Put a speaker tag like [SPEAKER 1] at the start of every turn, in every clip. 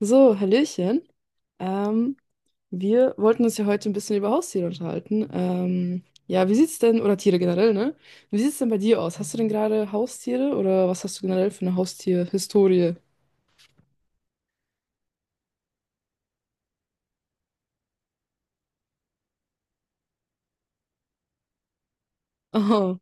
[SPEAKER 1] So, Hallöchen. Ähm, Wir wollten uns ja heute ein bisschen über Haustiere unterhalten. Ja, wie sieht's denn, oder Tiere generell, ne? Wie sieht's denn bei dir aus? Hast du denn gerade Haustiere oder was hast du generell für eine Haustierhistorie? Oh,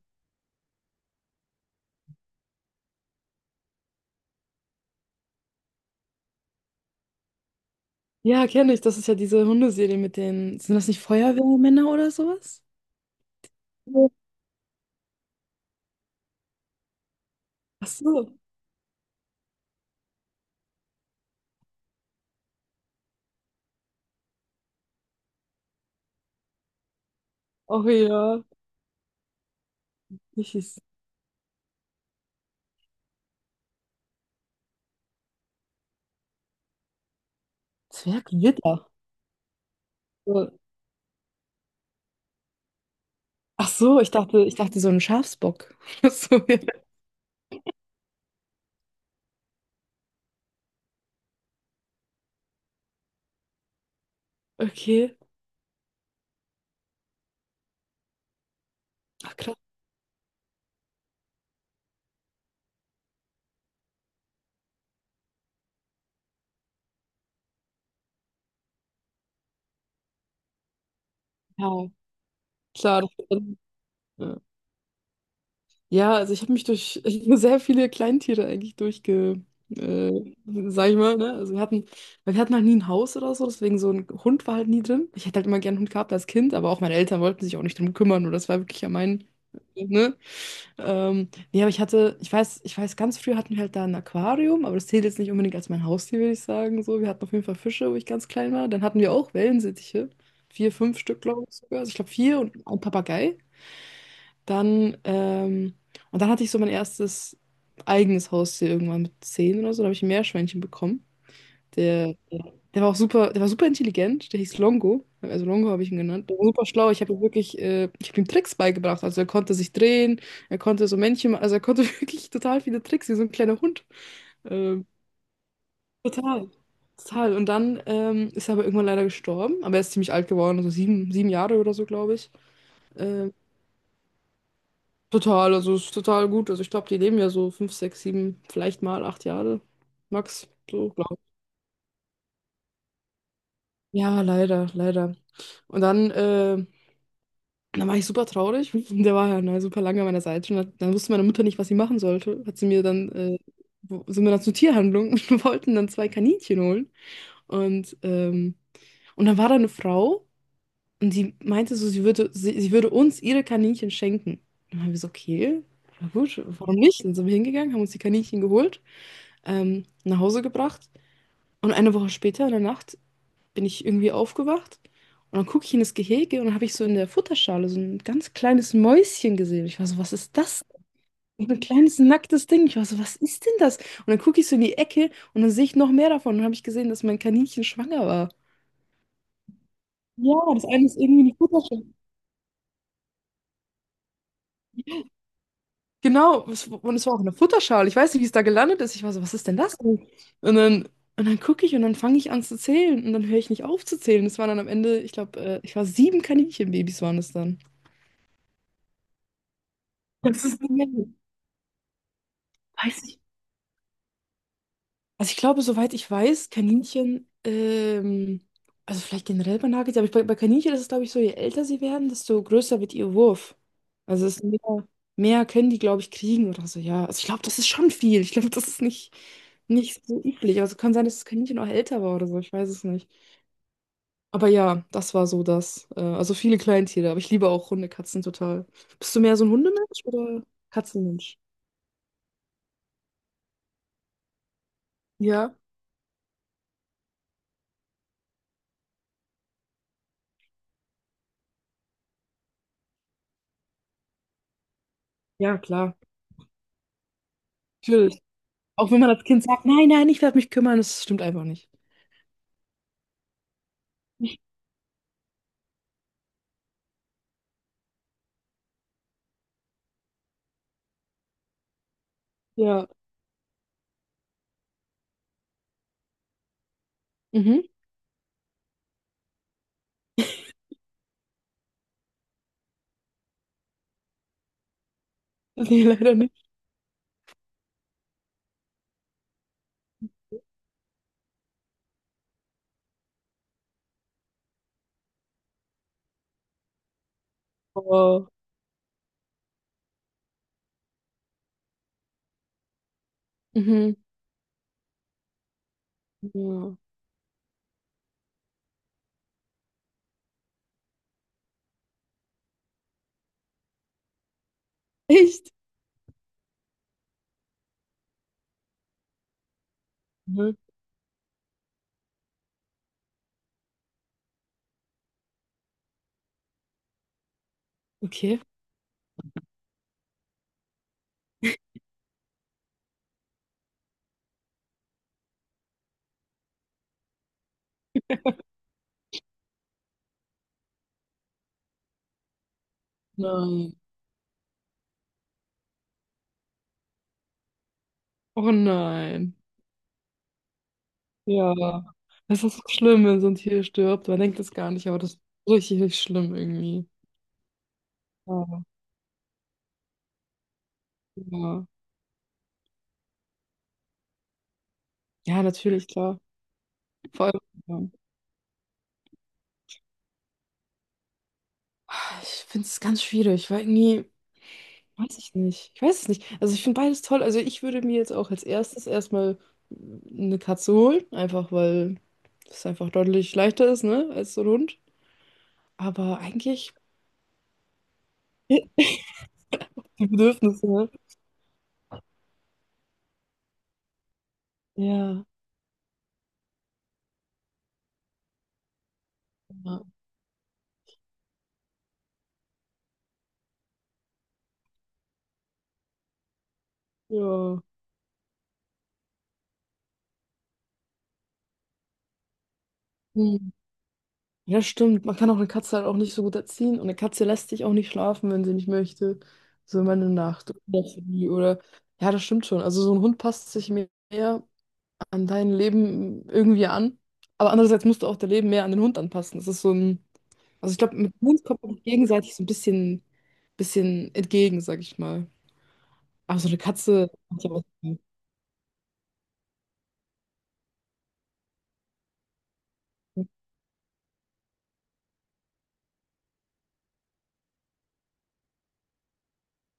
[SPEAKER 1] ja, kenne ich. Das ist ja diese Hundeserie mit den, sind das nicht Feuerwehrmänner oder sowas? Ja. Ach so. Oh ja, richtig. Zwergwitter. So. Ach so, ich dachte so ein Schafsbock. Ach so, ja. Okay. Ach krass. Ja, klar. Das, ja. Ja, also ich habe mich durch sehr viele Kleintiere eigentlich äh, sag ich mal, ne? Weil wir hatten halt nie ein Haus oder so, deswegen so ein Hund war halt nie drin. Ich hätte halt immer gern einen Hund gehabt als Kind, aber auch meine Eltern wollten sich auch nicht drum kümmern und das war wirklich ja mein, ne? Nee, aber ich weiß, ganz früh hatten wir halt da ein Aquarium, aber das zählt jetzt nicht unbedingt als mein Haustier, würde ich sagen. So, wir hatten auf jeden Fall Fische, wo ich ganz klein war. Dann hatten wir auch Wellensittiche. Vier, fünf Stück, glaube ich sogar. Also ich glaube vier und ein Papagei. Dann, ähm, und dann hatte ich so mein erstes eigenes Haustier irgendwann mit 10 oder so. Da habe ich ein Meerschweinchen bekommen. Der war auch super, der war super intelligent. Der hieß Longo. Also Longo habe ich ihn genannt. Der war super schlau. Ich habe ihm wirklich, ich habe ihm Tricks beigebracht. Also er konnte sich drehen, er konnte so Männchen, also er konnte wirklich total viele Tricks, wie so ein kleiner Hund. Ähm, Total. Total. Und dann ist er aber irgendwann leider gestorben. Aber er ist ziemlich alt geworden, also 7, 7 Jahre oder so, glaube ich. Ähm, Total, also ist total gut. Also ich glaube, die leben ja so fünf, sechs, sieben, vielleicht mal 8 Jahre. Max, so glaube ich. Ja, leider, leider. Und dann war ich super traurig. Der war ja ne, super lange an meiner Seite. Und hat, dann wusste meine Mutter nicht, was sie machen sollte. Hat sie mir dann, sind wir dann zur Tierhandlung und wir wollten dann zwei Kaninchen holen. Und, ähm, und dann war da eine Frau und die meinte so, sie würde uns ihre Kaninchen schenken. Und dann haben wir so, okay, na gut, warum nicht? Dann sind wir hingegangen, haben uns die Kaninchen geholt. Nach Hause gebracht. Und eine Woche später in der Nacht bin ich irgendwie aufgewacht und dann gucke ich in das Gehege und dann habe ich so in der Futterschale so ein ganz kleines Mäuschen gesehen. Ich war so, was ist das? Und ein kleines nacktes Ding. Ich war so, was ist denn das? Und dann gucke ich so in die Ecke und dann sehe ich noch mehr davon. Und dann habe ich gesehen, dass mein Kaninchen schwanger war. Ja, das eine ist irgendwie in die Futterschale. Genau, es- und es war auch eine Futterschale. Ich weiß nicht, wie es da gelandet ist. Ich war so, was ist denn das denn? Und dann, und dann gucke ich und dann fange ich an zu zählen und dann höre ich nicht auf zu zählen. Es waren dann am Ende, ich glaube, ich war sieben Kaninchenbabys waren es dann. Das ist eine Menge. Weiß ich Also ich glaube, soweit ich weiß, also vielleicht generell bei Nagetieren, aber bei Kaninchen ist es, glaube ich, so, je älter sie werden, desto größer wird ihr Wurf. Also mehr können die, glaube ich, kriegen oder so, ja. Also ich glaube, das ist schon viel. Ich glaube, das ist nicht, nicht so üblich. Also kann sein, dass das Kaninchen auch älter war oder so, ich weiß es nicht. Aber ja, das war so das. Also viele Kleintiere, aber ich liebe auch Hunde, Katzen total. Bist du mehr so ein Hundemensch oder Katzenmensch? Ja. Ja, klar. Natürlich. Auch wenn man als Kind sagt, nein, nein, ich werde mich kümmern, das stimmt einfach nicht. Ja, Mhm. Nee, leider nicht. Oh, Mhm, ja. Echt? Mhm. Okay. Nein. Oh nein. Ja. Das ist so schlimm, wenn so ein Tier stirbt. Man denkt das gar nicht, aber das ist richtig, richtig schlimm irgendwie. Ja. Ja. Ja, natürlich, klar. Vor allem, ja. Ich finde es ganz schwierig, weil irgendwie. Weiß ich nicht. Ich weiß es nicht. Also ich finde beides toll. Also ich würde mir jetzt auch als erstes erstmal eine Katze holen, einfach weil es einfach deutlich leichter ist, ne, als so ein Hund. Aber eigentlich die Bedürfnisse, ne? Ja. Ja. Ja, hm. Ja, stimmt. Man kann auch eine Katze halt auch nicht so gut erziehen. Und eine Katze lässt sich auch nicht schlafen, wenn sie nicht möchte. So immer eine Nacht oder für die oder. Ja, das stimmt schon. Also so ein Hund passt sich mehr an dein Leben irgendwie an. Aber andererseits musst du auch dein Leben mehr an den Hund anpassen. Das ist so ein, also ich glaube, mit Hund kommt man sich gegenseitig so ein bisschen, bisschen entgegen, sag ich mal. Aber so eine Katze macht ja auch Sinn.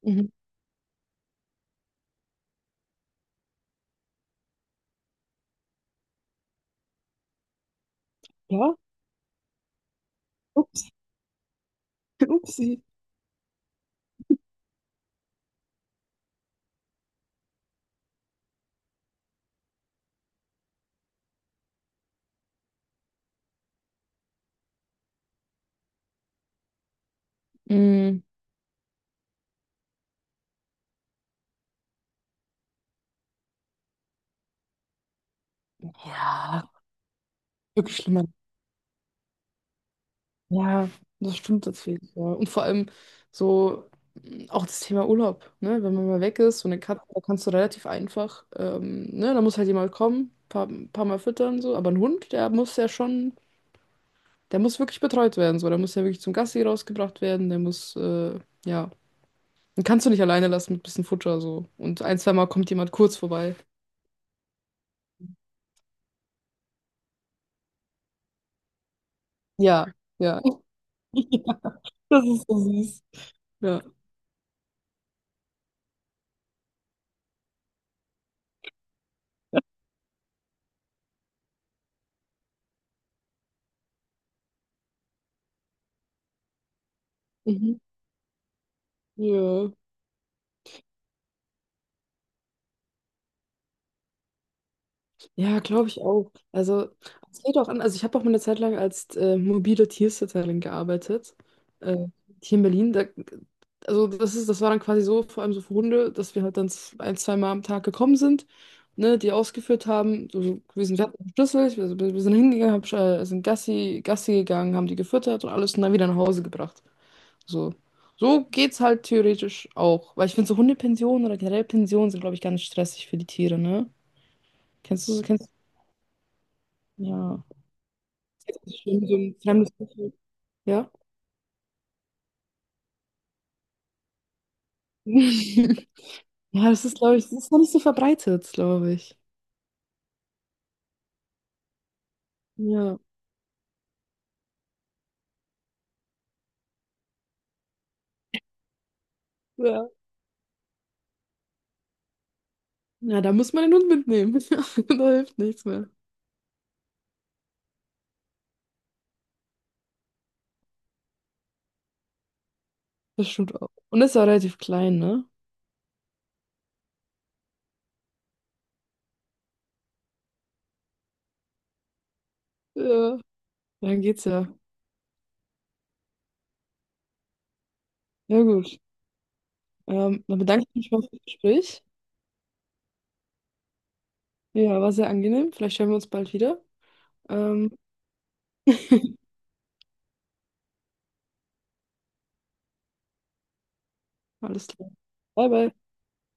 [SPEAKER 1] Mhm. Ja, ups, upsi. Mm, ja, wirklich schlimm. Ja, das stimmt tatsächlich. Ja. Und vor allem so auch das Thema Urlaub, ne? Wenn man mal weg ist, so eine Katze, da kannst du relativ einfach, ne? Da muss halt jemand kommen, paar, paar Mal füttern, so. Aber ein Hund, der muss ja schon, der muss wirklich betreut werden, so. Der muss ja wirklich zum Gassi rausgebracht werden, der muss, ja. Den kannst du nicht alleine lassen mit bisschen Futter, so. Und ein, zwei Mal kommt jemand kurz vorbei. Ja, ja. Das ist, ja. Mhm. Ja. Ja, glaube ich auch. Also, es geht auch an. Also, ich habe auch mal eine Zeit lang als mobile Tiersitterin gearbeitet. Äh, Hier in Berlin. Da, also, das ist, das war dann quasi so, vor allem so für Hunde, dass wir halt dann ein, zwei Mal am Tag gekommen sind, ne, die ausgeführt haben. So, so gewesen, wir hatten einen Schlüssel, wir sind hingegangen, sind Gassi gegangen, haben die gefüttert und alles und dann wieder nach Hause gebracht. So. So geht's halt theoretisch auch. Weil ich finde, so Hundepensionen oder generell Pensionen sind, glaube ich, ganz stressig für die Tiere, ne? Kennst du? Ja. Das stimmt, so ein fremdes Gefühl. Ja. Ja, das ist, glaube ich, das ist noch nicht so verbreitet, glaube ich. Ja. Ja. Ja, da muss man den Hund mitnehmen. Da hilft nichts mehr. Das stimmt auch. Und ist ja auch relativ klein, ne? Ja. Dann geht's ja. Ja, gut. Dann bedanke ich mich mal fürs Gespräch. Ja, war sehr angenehm. Vielleicht hören wir uns bald wieder. Ähm, Alles klar. Bye, bye.